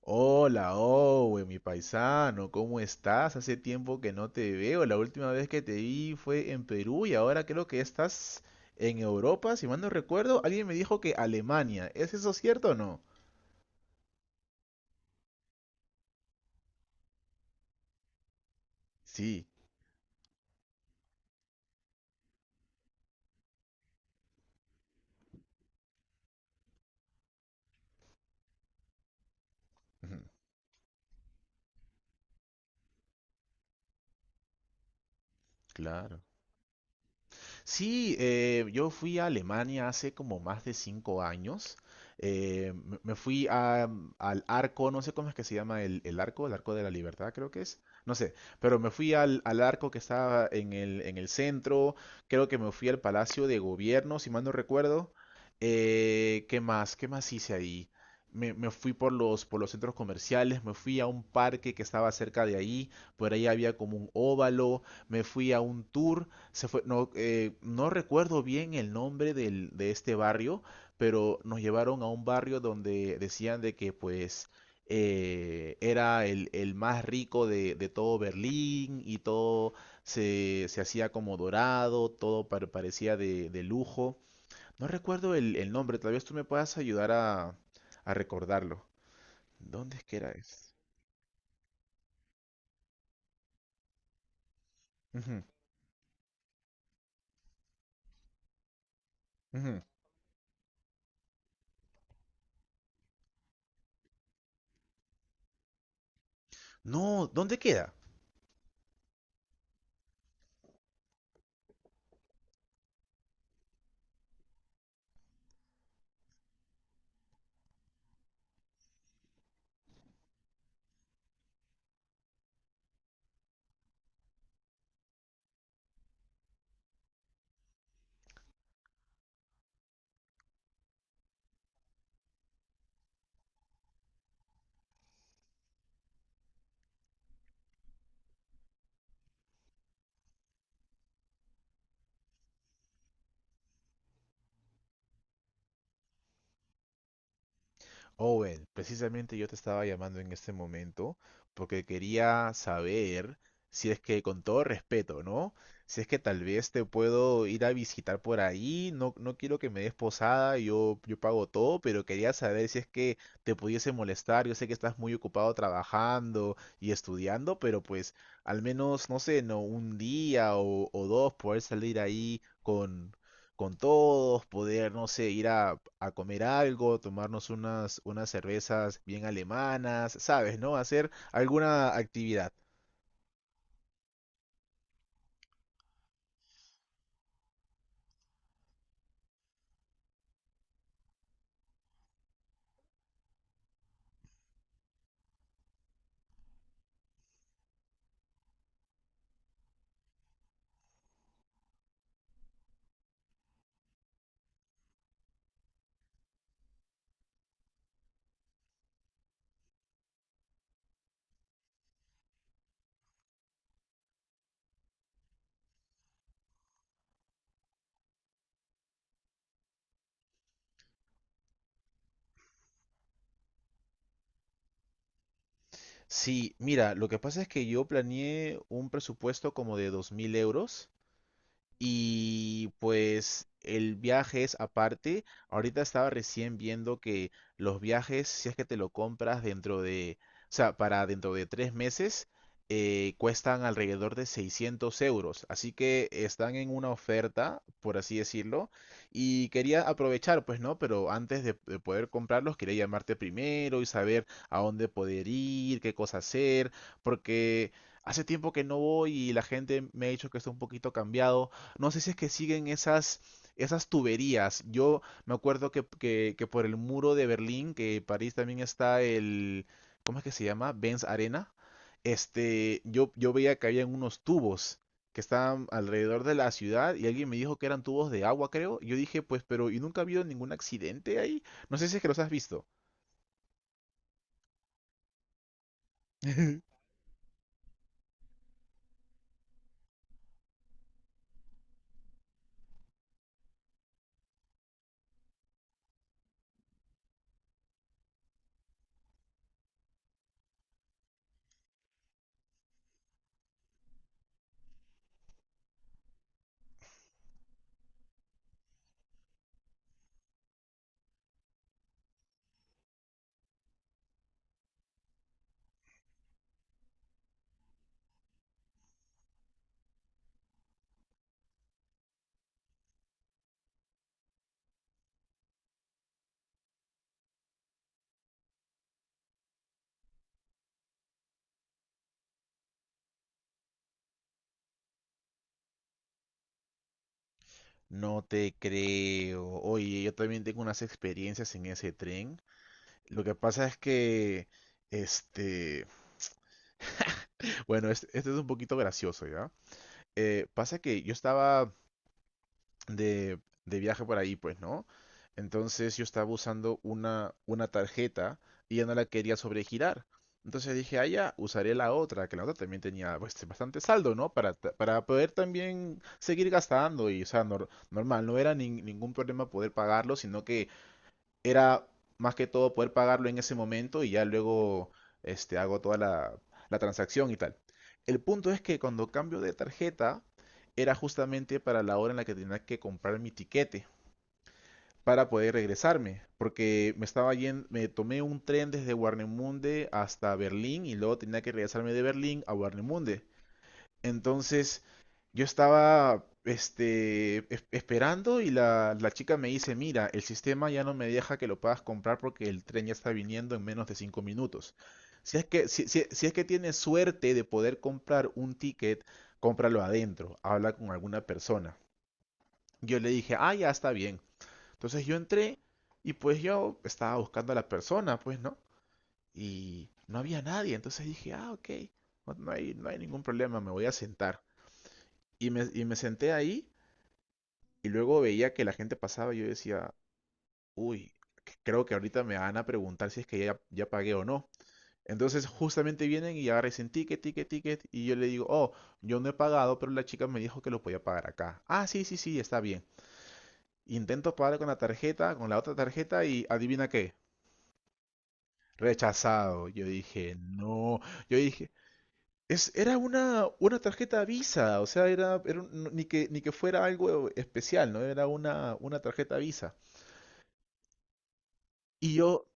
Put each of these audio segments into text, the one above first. Hola, Owe, mi paisano, ¿cómo estás? Hace tiempo que no te veo. La última vez que te vi fue en Perú y ahora creo que estás en Europa, si mal no recuerdo. Alguien me dijo que Alemania. ¿Es eso cierto o no? Sí, ujú, claro. Sí, yo fui a Alemania hace como más de 5 años. Me fui al arco, no sé cómo es que se llama el, arco, el arco de la libertad creo que es, no sé, pero me fui al, arco que estaba en el centro, creo que me fui al Palacio de Gobierno, si mal no recuerdo. ¿Qué más? ¿Qué más hice ahí? Me fui por los centros comerciales, me fui a un parque que estaba cerca de ahí, por ahí había como un óvalo, me fui a un tour, se fue, no, no recuerdo bien el nombre de este barrio, pero nos llevaron a un barrio donde decían de que pues era el, más rico de todo Berlín y todo se hacía como dorado, todo parecía de, lujo. No recuerdo el nombre, tal vez tú me puedas ayudar a recordarlo. ¿Dónde es que era eso? Ujú, ujú. No, ¿dónde queda? Owen, precisamente yo te estaba llamando en este momento porque quería saber si es que con todo respeto, ¿no? Si es que tal vez te puedo ir a visitar por ahí, no, no quiero que me des posada, yo, pago todo, pero quería saber si es que te pudiese molestar, yo sé que estás muy ocupado trabajando y estudiando, pero pues al menos, no sé, no un día o, dos poder salir ahí con todos, poder, no sé, ir a, comer algo, tomarnos unas cervezas bien alemanas, ¿sabes? ¿No? Hacer alguna actividad. Sí, mira, lo que pasa es que yo planeé un presupuesto como de 2.000 euros. Y pues el viaje es aparte. Ahorita estaba recién viendo que los viajes, si es que te lo compras dentro de, o sea, para dentro de 3 meses, cuestan alrededor de 600 euros. Así que están en una oferta, por así decirlo. Y quería aprovechar, pues no, pero antes de, poder comprarlos, quería llamarte primero y saber a dónde poder ir, qué cosa hacer, porque hace tiempo que no voy y la gente me ha dicho que está un poquito cambiado. No sé si es que siguen esas, tuberías. Yo me acuerdo que, que por el muro de Berlín, que París también está el, ¿cómo es que se llama? Benz Arena. Yo veía que habían unos tubos que estaban alrededor de la ciudad y alguien me dijo que eran tubos de agua, creo. Yo dije, pues, pero ¿y nunca ha habido ningún accidente ahí? No sé si es que los has visto. No te creo. Oye, yo también tengo unas experiencias en ese tren. Lo que pasa es que, este, bueno, este es un poquito gracioso, ¿ya? Pasa que yo estaba de, viaje por ahí, pues, ¿no? Entonces yo estaba usando una tarjeta y ya no la quería sobregirar. Entonces dije, ah, ya, usaré la otra, que la otra también tenía pues, bastante saldo, ¿no? Para poder también seguir gastando y, o sea, normal, no era ningún problema poder pagarlo, sino que era más que todo poder pagarlo en ese momento y ya luego hago toda la, transacción y tal. El punto es que cuando cambio de tarjeta era justamente para la hora en la que tenía que comprar mi tiquete para poder regresarme, porque me estaba yendo, me tomé un tren desde Warnemunde hasta Berlín y luego tenía que regresarme de Berlín a Warnemunde. Entonces, yo estaba esperando y la chica me dice, mira, el sistema ya no me deja que lo puedas comprar porque el tren ya está viniendo en menos de 5 minutos. Si es que tienes suerte de poder comprar un ticket, cómpralo adentro, habla con alguna persona. Yo le dije, ah, ya está bien. Entonces yo entré y pues yo estaba buscando a la persona, pues, ¿no? Y no había nadie, entonces dije, ah, ok, no hay ningún problema, me voy a sentar. Y me senté ahí y luego veía que la gente pasaba y yo decía, uy, creo que ahorita me van a preguntar si es que ya, pagué o no. Entonces justamente vienen y agarran ticket, ticket, ticket y yo le digo, oh, yo no he pagado, pero la chica me dijo que lo podía pagar acá. Ah, sí, sí, sí, está bien. Intento pagar con la tarjeta, con la otra tarjeta y adivina qué, rechazado. Yo dije, no. Yo dije, era una, tarjeta Visa, o sea, era ni que fuera algo especial, ¿no? Era una tarjeta Visa. Y yo,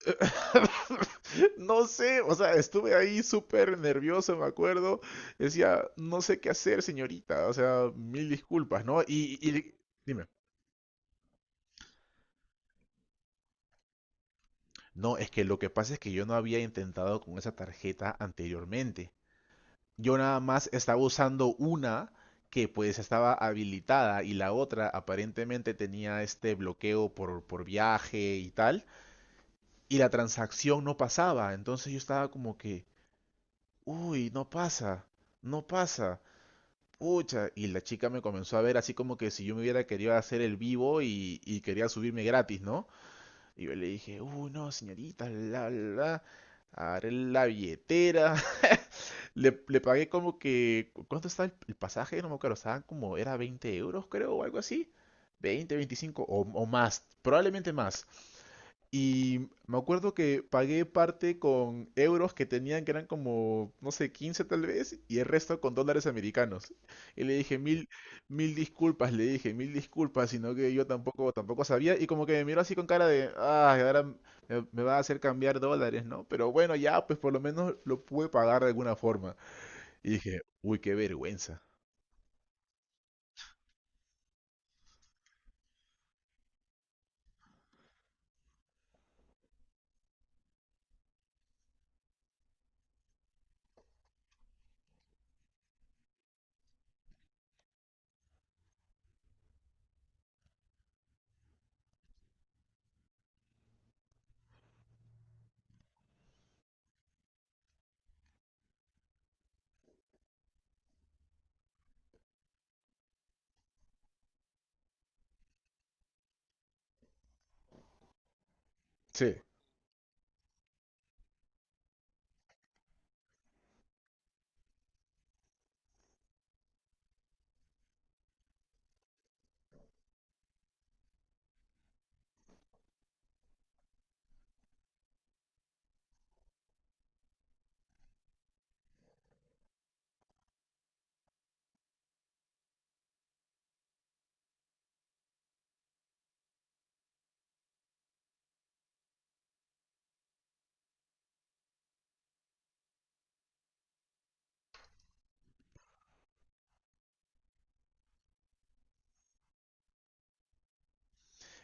no sé, o sea, estuve ahí súper nervioso, me acuerdo. Decía, no sé qué hacer, señorita, o sea, mil disculpas, ¿no? Y dime, no, es que lo que pasa es que yo no había intentado con esa tarjeta anteriormente. Yo nada más estaba usando una que pues estaba habilitada y la otra aparentemente tenía este bloqueo por, viaje y tal. Y la transacción no pasaba. Entonces yo estaba como que, uy, no pasa, no pasa. Pucha, y la chica me comenzó a ver así como que si yo me hubiera querido hacer el vivo y, quería subirme gratis, ¿no? Y yo le dije, uy, no, señorita, agarré la billetera. Le pagué como que, ¿cuánto estaba el, pasaje? No me acuerdo, estaban como, era 20 euros creo o algo así. 20, 25 o más, probablemente más. Y me acuerdo que pagué parte con euros que tenían, que eran como, no sé, 15 tal vez, y el resto con dólares americanos. Y le dije mil disculpas, le dije mil disculpas, sino que yo tampoco, tampoco sabía. Y como que me miró así con cara de, ah, ahora me, va a hacer cambiar dólares, ¿no? Pero bueno, ya, pues por lo menos lo pude pagar de alguna forma. Y dije, uy, qué vergüenza. Sí,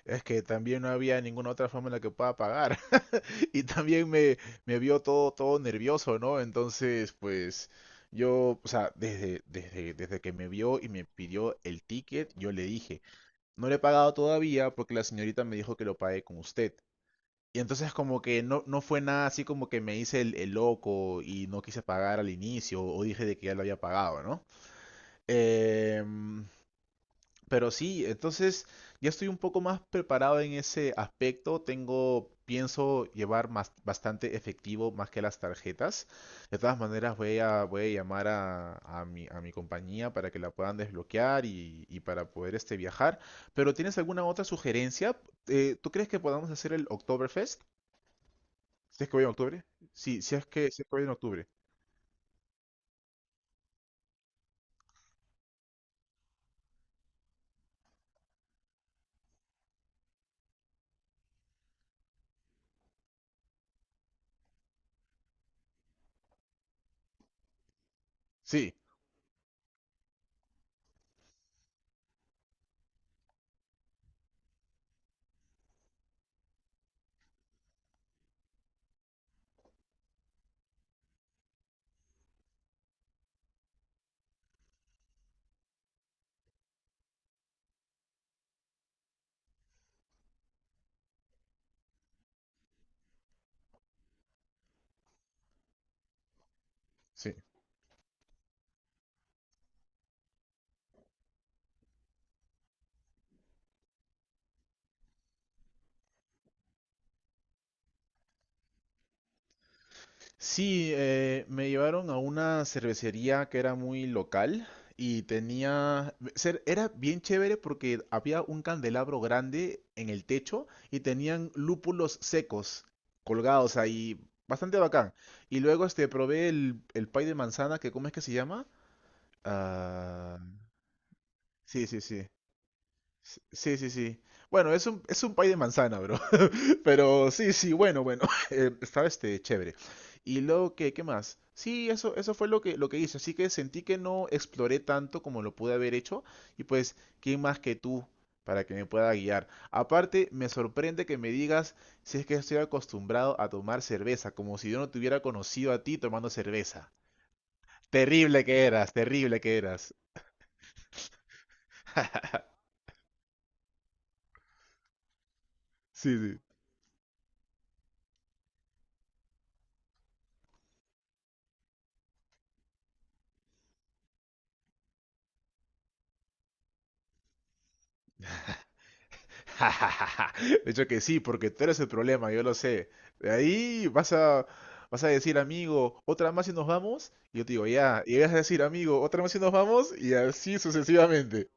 es que también no había ninguna otra forma en la que pueda pagar. Y también me, vio todo, todo nervioso, ¿no? Entonces, pues yo, o sea, desde que me vio y me pidió el ticket, yo le dije, no le he pagado todavía porque la señorita me dijo que lo pague con usted. Y entonces como que no, no fue nada así como que me hice el loco y no quise pagar al inicio o dije de que ya lo había pagado, ¿no? Em, pero sí, entonces ya estoy un poco más preparado en ese aspecto. Pienso llevar más, bastante efectivo más que las tarjetas. De todas maneras, voy a, llamar a mi compañía para que la puedan desbloquear y para poder viajar. Pero ¿tienes alguna otra sugerencia? ¿Tú crees que podamos hacer el Oktoberfest? Si es que voy en octubre. Sí, si es que voy en octubre. Sí, sí. Sí, me llevaron a una cervecería que era muy local y tenía. Era bien chévere porque había un candelabro grande en el techo y tenían lúpulos secos colgados ahí. Bastante bacán. Y luego probé el, pay de manzana que, ¿cómo es que se llama? Ah, sí, sí, sí. Sí, sí, sí. Bueno, es un pay de manzana, bro. Pero sí, sí, bueno, bueno. Estaba chévere. Y luego, ¿qué, más? Sí, eso, fue lo que hice. Así que sentí que no exploré tanto como lo pude haber hecho. Y pues, ¿quién más que tú para que me pueda guiar? Aparte, me sorprende que me digas si es que estoy acostumbrado a tomar cerveza, como si yo no te hubiera conocido a ti tomando cerveza. Terrible que eras, terrible que eras. Sí, sí. De hecho que sí, porque tú eres el problema, yo lo sé. De ahí vas a decir, amigo, otra más y nos vamos. Y yo te digo, ya. Y vas a decir, amigo, otra más y nos vamos. Y así sucesivamente.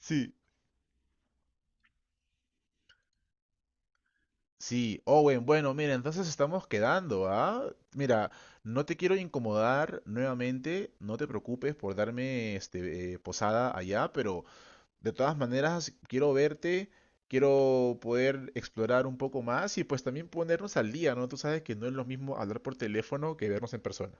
Sí. Sí, Owen, bueno, mira, entonces estamos quedando, ¿ah? Mira, no te quiero incomodar nuevamente, no te preocupes por darme posada allá, pero de todas maneras, quiero verte, quiero poder explorar un poco más y pues también ponernos al día, ¿no? Tú sabes que no es lo mismo hablar por teléfono que vernos en persona.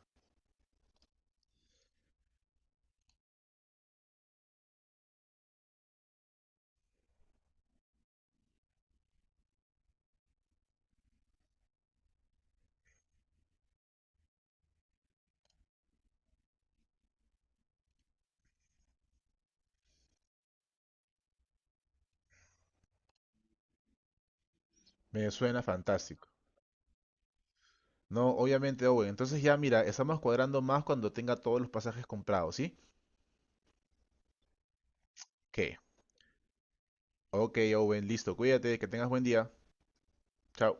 Me suena fantástico. No, obviamente, Owen. Entonces ya mira, estamos cuadrando más cuando tenga todos los pasajes comprados, ¿sí? ¿Qué? Ok, Owen, listo. Cuídate, que tengas buen día. Chao.